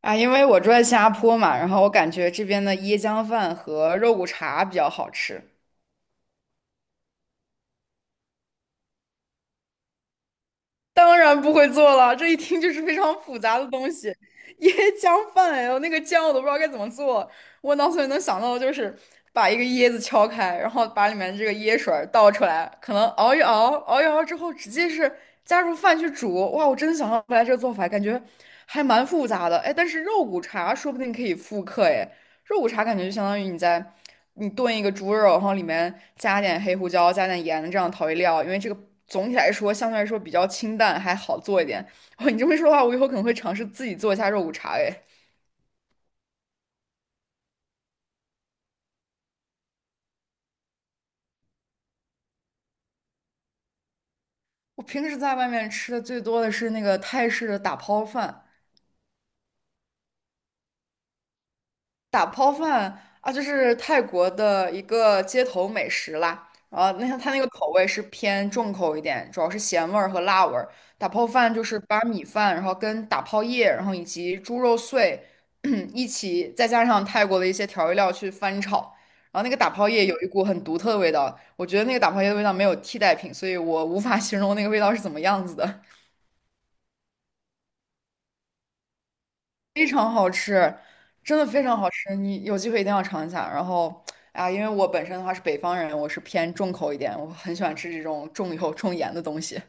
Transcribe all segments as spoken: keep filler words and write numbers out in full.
啊，因为我住在新加坡嘛，然后我感觉这边的椰浆饭和肉骨茶比较好吃。当然不会做了，这一听就是非常复杂的东西。椰浆饭，哎呦，那个酱我都不知道该怎么做。我脑子里能想到的就是把一个椰子敲开，然后把里面这个椰水儿倒出来，可能熬一熬，熬一熬之后直接是加入饭去煮。哇，我真的想象不来这个做法，感觉还蛮复杂的。哎，但是肉骨茶说不定可以复刻，哎。肉骨茶感觉就相当于你在你炖一个猪肉，然后里面加点黑胡椒、加点盐这样调味料，因为这个总体来说相对来说比较清淡，还好做一点。哦，你这么一说的话，我以后可能会尝试自己做一下肉骨茶。哎，我平时在外面吃的最多的是那个泰式的打抛饭，打泡饭啊，就是泰国的一个街头美食啦。然后那它那个口味是偏重口一点，主要是咸味儿和辣味儿。打泡饭就是把米饭，然后跟打泡叶，然后以及猪肉碎 一起，再加上泰国的一些调味料去翻炒。然后那个打泡叶有一股很独特的味道，我觉得那个打泡叶的味道没有替代品，所以我无法形容那个味道是怎么样子的。非常好吃，真的非常好吃，你有机会一定要尝一下。然后，啊，因为我本身的话是北方人，我是偏重口一点，我很喜欢吃这种重油重盐的东西。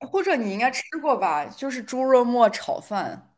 或者你应该吃过吧，就是猪肉末炒饭。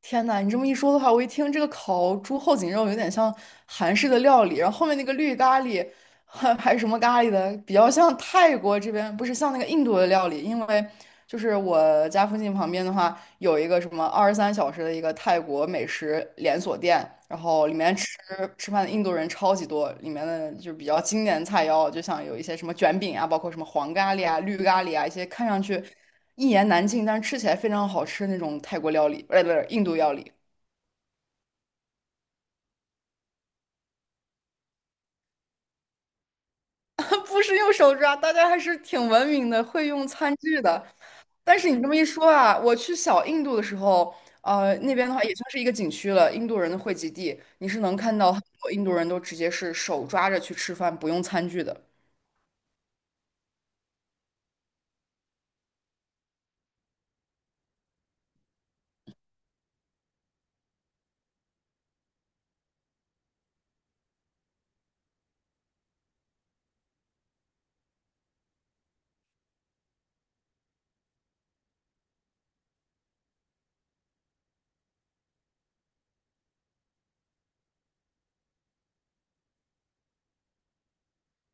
天呐，你这么一说的话，我一听这个烤猪后颈肉有点像韩式的料理，然后后面那个绿咖喱，还还是什么咖喱的，比较像泰国这边，不是像那个印度的料理，因为就是我家附近旁边的话，有一个什么二十三小时的一个泰国美食连锁店，然后里面吃吃饭的印度人超级多，里面的就比较经典的菜肴，就像有一些什么卷饼啊，包括什么黄咖喱啊、绿咖喱啊，一些看上去。一言难尽，但是吃起来非常好吃那种泰国料理，呃，不是印度料理，不是用手抓，大家还是挺文明的，会用餐具的。但是你这么一说啊，我去小印度的时候，呃，那边的话也算是一个景区了，印度人的汇集地，你是能看到很多印度人都直接是手抓着去吃饭，不用餐具的。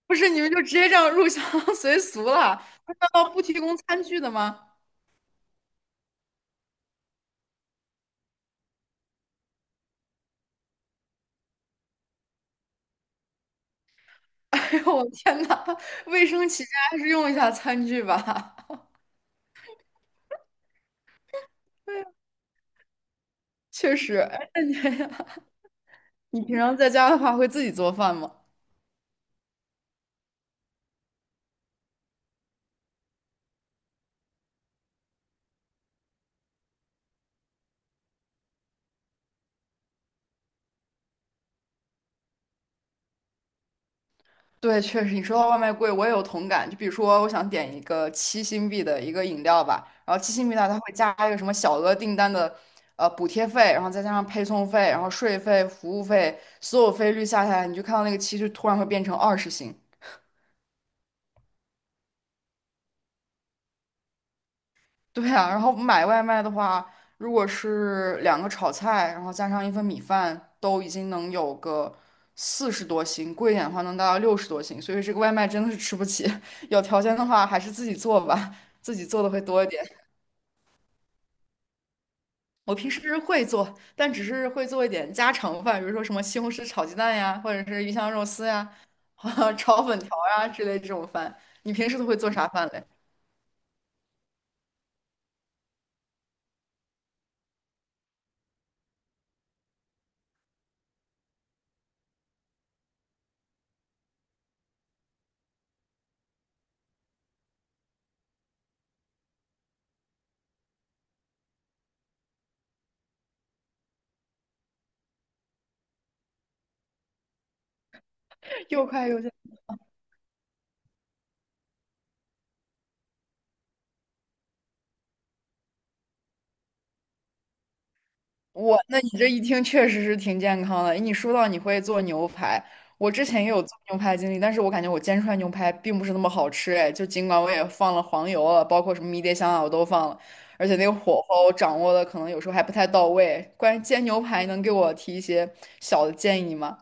不是，你们就直接这样入乡 随俗了？难道不提供餐具的吗？哎呦，我天呐，卫生起见还是用一下餐具吧。确实，哎你平常在家的话，会自己做饭吗？对，确实，你说到外卖贵，我也有同感。就比如说，我想点一个七星币的一个饮料吧，然后七星币呢，它会加一个什么小额订单的呃补贴费，然后再加上配送费，然后税费、服务费，所有费率下下来，你就看到那个七就突然会变成二十星，对啊，然后买外卖的话，如果是两个炒菜，然后加上一份米饭，都已经能有个四十多星，贵一点的话能达到六十多星，所以这个外卖真的是吃不起。有条件的话，还是自己做吧，自己做的会多一点。我平时会做，但只是会做一点家常饭，比如说什么西红柿炒鸡蛋呀，或者是鱼香肉丝呀，炒粉条呀之类这种饭。你平时都会做啥饭嘞？又快又我，那你这一听确实是挺健康的。你说到你会做牛排，我之前也有做牛排经历，但是我感觉我煎出来牛排并不是那么好吃，哎，就尽管我也放了黄油了，包括什么迷迭香啊，我都放了，而且那个火候掌握的可能有时候还不太到位。关于煎牛排，能给我提一些小的建议吗？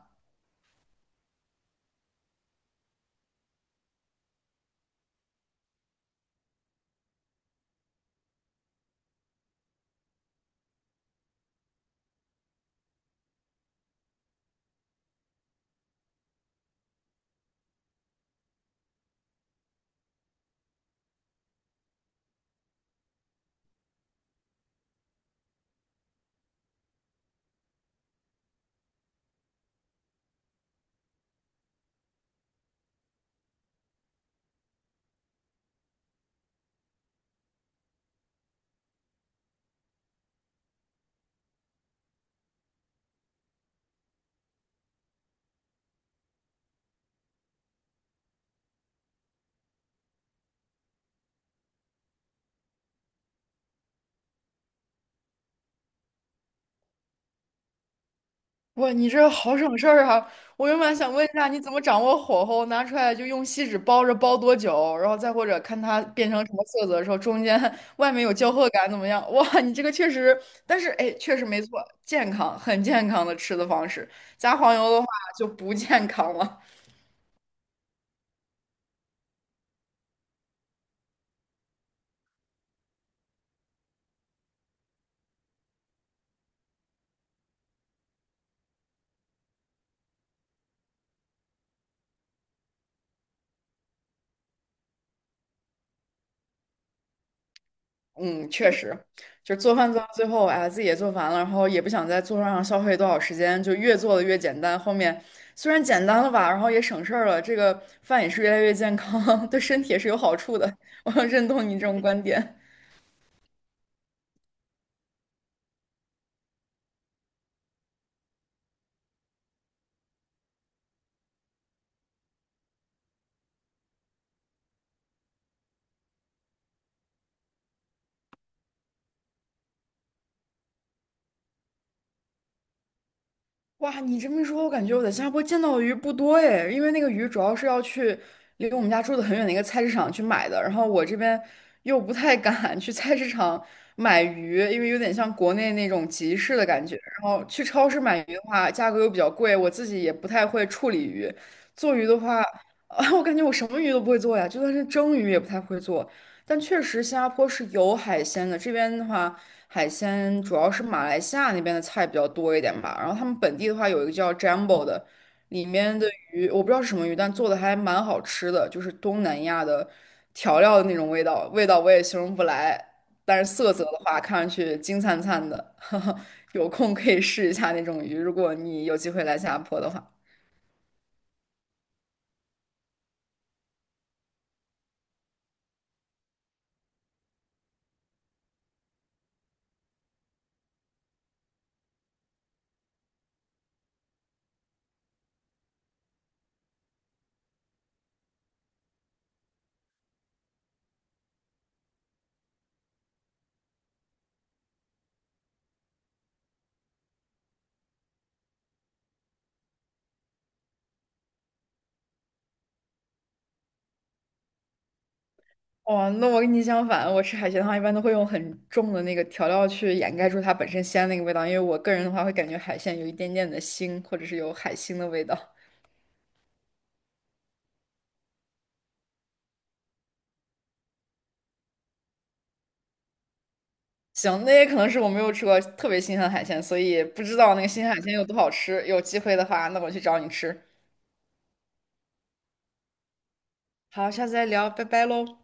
哇，你这好省事儿啊！我原本想问一下，你怎么掌握火候？拿出来就用锡纸包着，包多久？然后再或者看它变成什么色泽的时候，中间 外面有焦褐感怎么样？哇，你这个确实，但是哎，确实没错，健康，很健康的吃的方式。加黄油的话就不健康了。嗯，确实，就是做饭做到最后，哎呀，自己也做烦了，然后也不想在做饭上消费多少时间，就越做的越简单。后面虽然简单了吧，然后也省事儿了，这个饭也是越来越健康，对身体也是有好处的。我很认同你这种观点。哇，你这么一说，我感觉我在新加坡见到的鱼不多哎，因为那个鱼主要是要去离我们家住的很远的一个菜市场去买的，然后我这边又不太敢 去菜市场买鱼，因为有点像国内那种集市的感觉。然后去超市买鱼的话，价格又比较贵，我自己也不太会处理鱼。做鱼的话，啊，我感觉我什么鱼都不会做呀，就算是蒸鱼也不太会做。但确实新加坡是有海鲜的，这边的话。海鲜主要是马来西亚那边的菜比较多一点吧。然后他们本地的话有一个叫 Jumbo 的，里面的鱼我不知道是什么鱼，但做的还蛮好吃的，就是东南亚的调料的那种味道，味道我也形容不来。但是色泽的话，看上去金灿灿的，有空可以试一下那种鱼，如果你有机会来新加坡的话。哦，那我跟你相反，我吃海鲜的话，一般都会用很重的那个调料去掩盖住它本身鲜那个味道，因为我个人的话会感觉海鲜有一点点的腥，或者是有海腥的味道。行，那也可能是我没有吃过特别新鲜的海鲜，所以不知道那个新鲜海鲜有多好吃。有机会的话，那我去找你吃。好，下次再聊，拜拜喽。